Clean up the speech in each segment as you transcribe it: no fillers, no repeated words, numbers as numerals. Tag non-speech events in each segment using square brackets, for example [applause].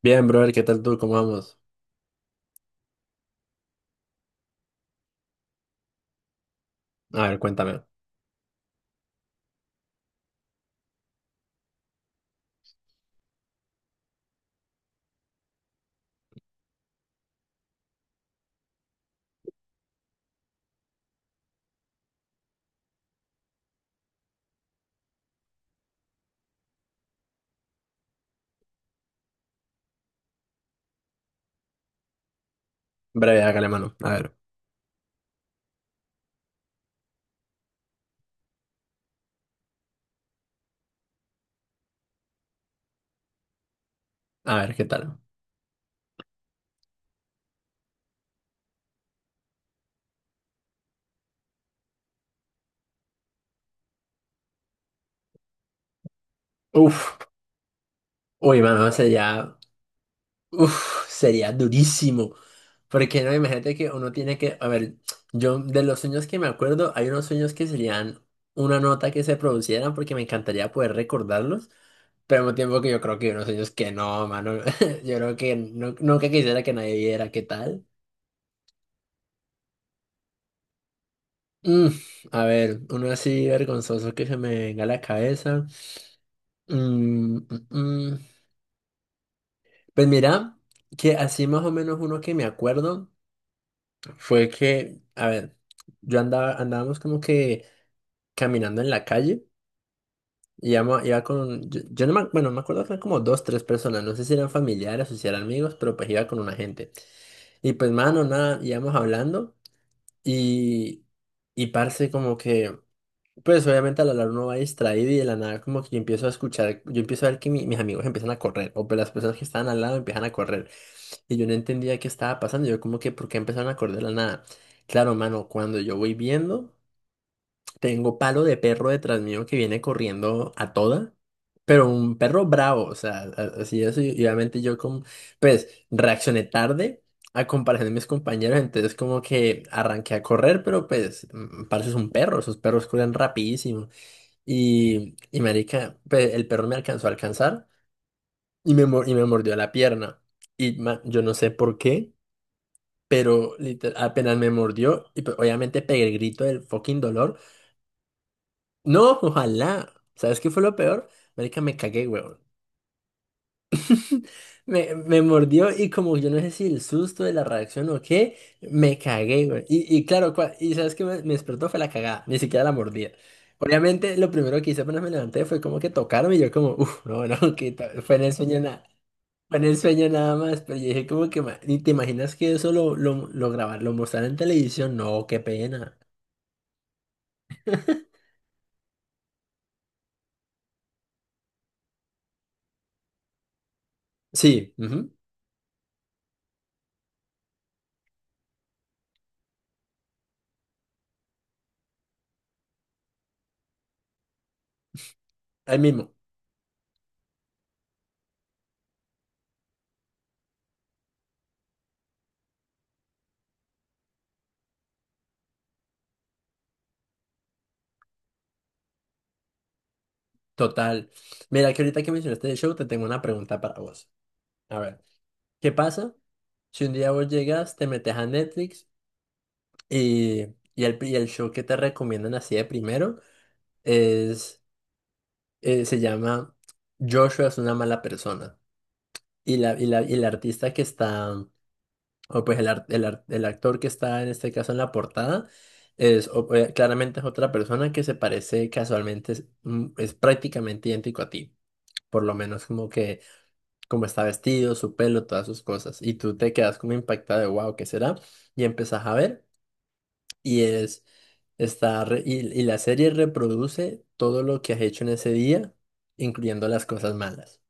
Bien, brother, ¿qué tal tú? ¿Cómo vamos? A ver, cuéntame. Breve, hágale mano. A ver, ¿qué tal? Uf, uy, mano, sería, uf, sería durísimo. Porque no, imagínate que uno tiene que, a ver, yo de los sueños que me acuerdo, hay unos sueños que serían una nota que se producieran porque me encantaría poder recordarlos, pero al mismo tiempo que yo creo que hay unos sueños que no, mano, [laughs] yo creo que no, nunca quisiera que nadie viera qué tal. Mm, a ver, uno así vergonzoso que se me venga a la cabeza. Mm, mm, mm. Pues mira, que así más o menos uno que me acuerdo fue que, a ver, andábamos como que caminando en la calle y iba con, yo no me, bueno, me acuerdo que eran como dos, tres personas, no sé si eran familiares o si eran amigos, pero pues iba con una gente. Y pues mano, nada, íbamos hablando y, y parce como que, pues obviamente a la larga uno va distraído y de la nada como que yo empiezo a escuchar, yo empiezo a ver que mis amigos empiezan a correr o pues las personas que estaban al lado empiezan a correr. Y yo no entendía qué estaba pasando. Yo como que, ¿por qué empezaron a correr de la nada? Claro, mano, cuando yo voy viendo, tengo palo de perro detrás mío que viene corriendo a toda. Pero un perro bravo, o sea, así es. Y obviamente yo como, pues, reaccioné tarde a comparación de mis compañeros. Entonces como que arranqué a correr, pero pues, parce es un perro. Esos perros corren rapidísimo. Y marica, pues, el perro me alcanzó a alcanzar y y me mordió la pierna. Y yo no sé por qué. Pero literal, apenas me mordió y pues, obviamente pegué el grito del fucking dolor. No, ojalá. ¿Sabes qué fue lo peor? Marica, me cagué, weón. Me mordió y como yo no sé si el susto de la reacción o qué, me cagué, weón. Y claro, y sabes qué me despertó fue la cagada, ni siquiera la mordida. Obviamente lo primero que hice apenas me levanté fue como que tocarme y yo como, uff, no, no, [laughs] que fue en el sueño nada. Fue en el sueño nada más, pero yo dije como que, ni te imaginas que eso lo grabar, lo mostrar en televisión, no, qué pena. Sí, ujú, ahí mismo, total. Mira, que ahorita que mencionaste el show, te tengo una pregunta para vos. A ver, ¿qué pasa si un día vos llegas, te metes a Netflix y, y, y el show que te recomiendan así de primero es, se llama Joshua es una mala persona? Y la, y la, y el artista que está, o pues el actor que está en este caso en la portada, es claramente es otra persona que se parece casualmente, es, es prácticamente idéntico a ti. Por lo menos como que, como está vestido, su pelo, todas sus cosas. Y tú te quedas como impactada de, wow, ¿qué será? Y empezás a ver y es, está, y la serie reproduce todo lo que has hecho en ese día, incluyendo las cosas malas.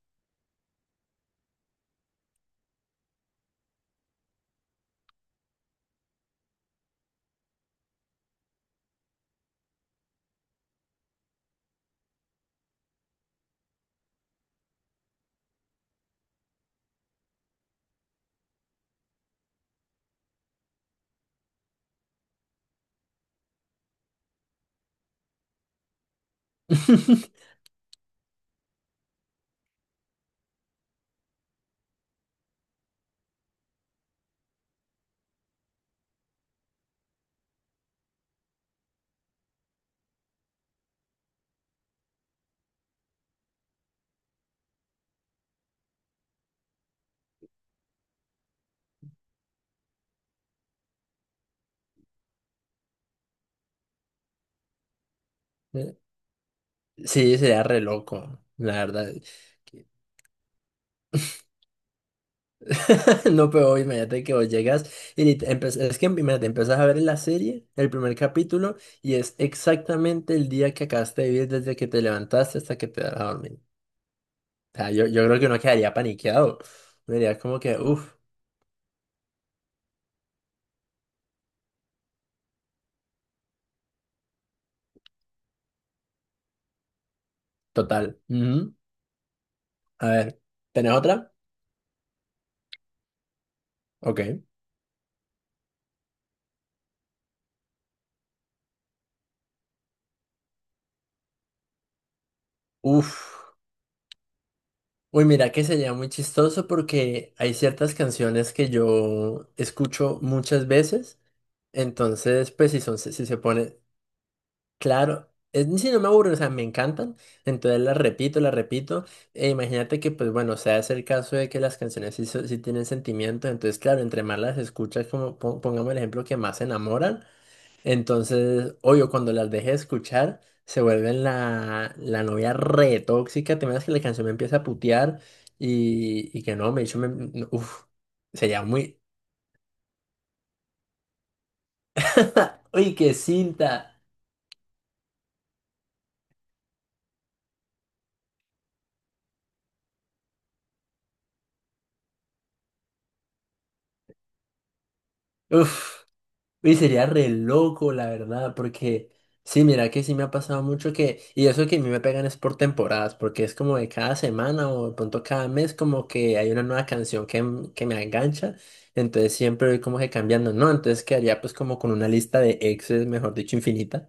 [laughs] Eh, Sí, sería re loco, la verdad. Que- [laughs] No, pero imagínate que vos llegas y es que imagínate, empezás a ver la serie, el primer capítulo, y es exactamente el día que acabaste de vivir desde que te levantaste hasta que te vas a dormir. Sea, yo creo que uno quedaría paniqueado. Uno diría como que, uff, total. Ujú. A ver, ¿tenés otra? Ok. Uff. Uy, mira que sería muy chistoso porque hay ciertas canciones que yo escucho muchas veces. Entonces, pues si son, si se pone, claro, es, si no me aburren, o sea, me encantan, entonces las repito, e imagínate que, pues bueno, sea es el caso de que las canciones sí, sí tienen sentimiento, entonces, claro, entre más las escuchas, como pongamos el ejemplo, que más se enamoran. Entonces, obvio, cuando las deje de escuchar, se vuelven la, la novia re tóxica. Te imaginas que la canción me empieza a putear y que no, me dicho, me, no, uf, sería muy. [laughs] Uy, qué cinta. Uf. Y sería re loco, la verdad, porque sí, mira que sí me ha pasado mucho que, y eso que a mí me pegan es por temporadas, porque es como de cada semana o de pronto cada mes como que hay una nueva canción que, que me engancha, entonces siempre voy como que cambiando, ¿no? Entonces quedaría pues como con una lista de exes, mejor dicho, infinita.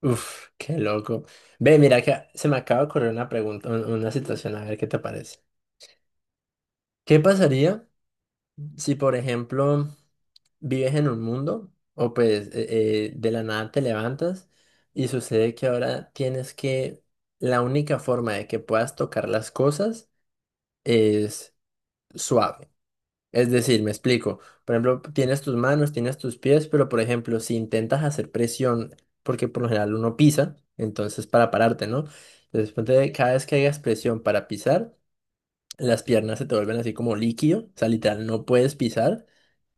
Uf, qué loco. Ve, mira que se me acaba de ocurrir una pregunta, una situación, a ver qué te parece. ¿Qué pasaría? Si, por ejemplo, vives en un mundo o pues de la nada te levantas y sucede que ahora tienes que, la única forma de que puedas tocar las cosas es suave. Es decir, me explico. Por ejemplo, tienes tus manos, tienes tus pies, pero por ejemplo, si intentas hacer presión, porque por lo general uno pisa, entonces para pararte, ¿no? Entonces, ponte, cada vez que hagas presión para pisar, las piernas se te vuelven así como líquido, o sea, literal, no puedes pisar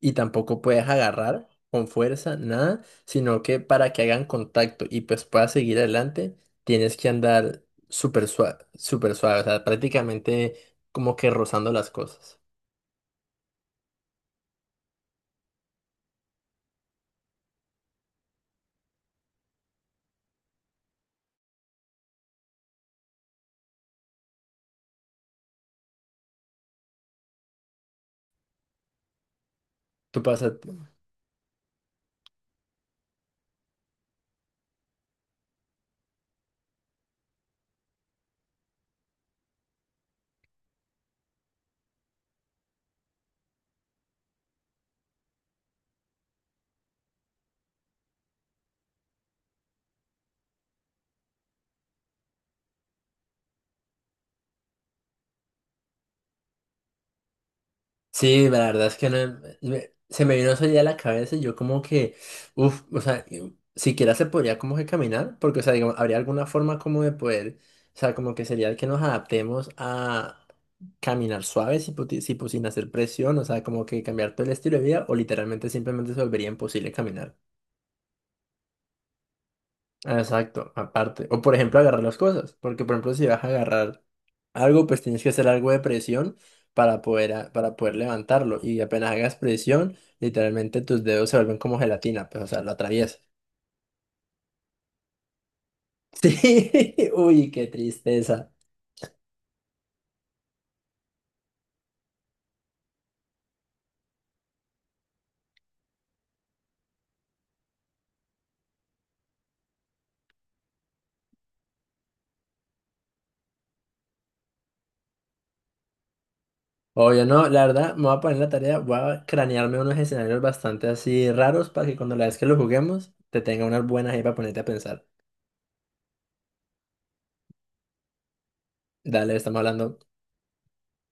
y tampoco puedes agarrar con fuerza, nada, sino que para que hagan contacto y pues puedas seguir adelante, tienes que andar súper suave, o sea, prácticamente como que rozando las cosas. ¿Tú pasas? Sí, la verdad es que no, se me vino eso ya a la cabeza y yo como que, uff, o sea, siquiera se podría como que caminar, porque, o sea, digamos, habría alguna forma como de poder, o sea, como que sería que nos adaptemos a caminar suave, si, si, pues, sin hacer presión, o sea, como que cambiar todo el estilo de vida o literalmente simplemente se volvería imposible caminar. Ah, exacto, aparte. O por ejemplo, agarrar las cosas. Porque por ejemplo, si vas a agarrar algo, pues tienes que hacer algo de presión para poder, para poder levantarlo. Y apenas hagas presión, literalmente tus dedos se vuelven como gelatina, pues o sea, lo atraviesas. [laughs] Sí, uy, qué tristeza. Obvio, no, la verdad, me voy a poner en la tarea, voy a cranearme unos escenarios bastante así raros para que cuando la vez que lo juguemos, te tenga unas buenas ahí para ponerte a pensar. Dale, estamos hablando.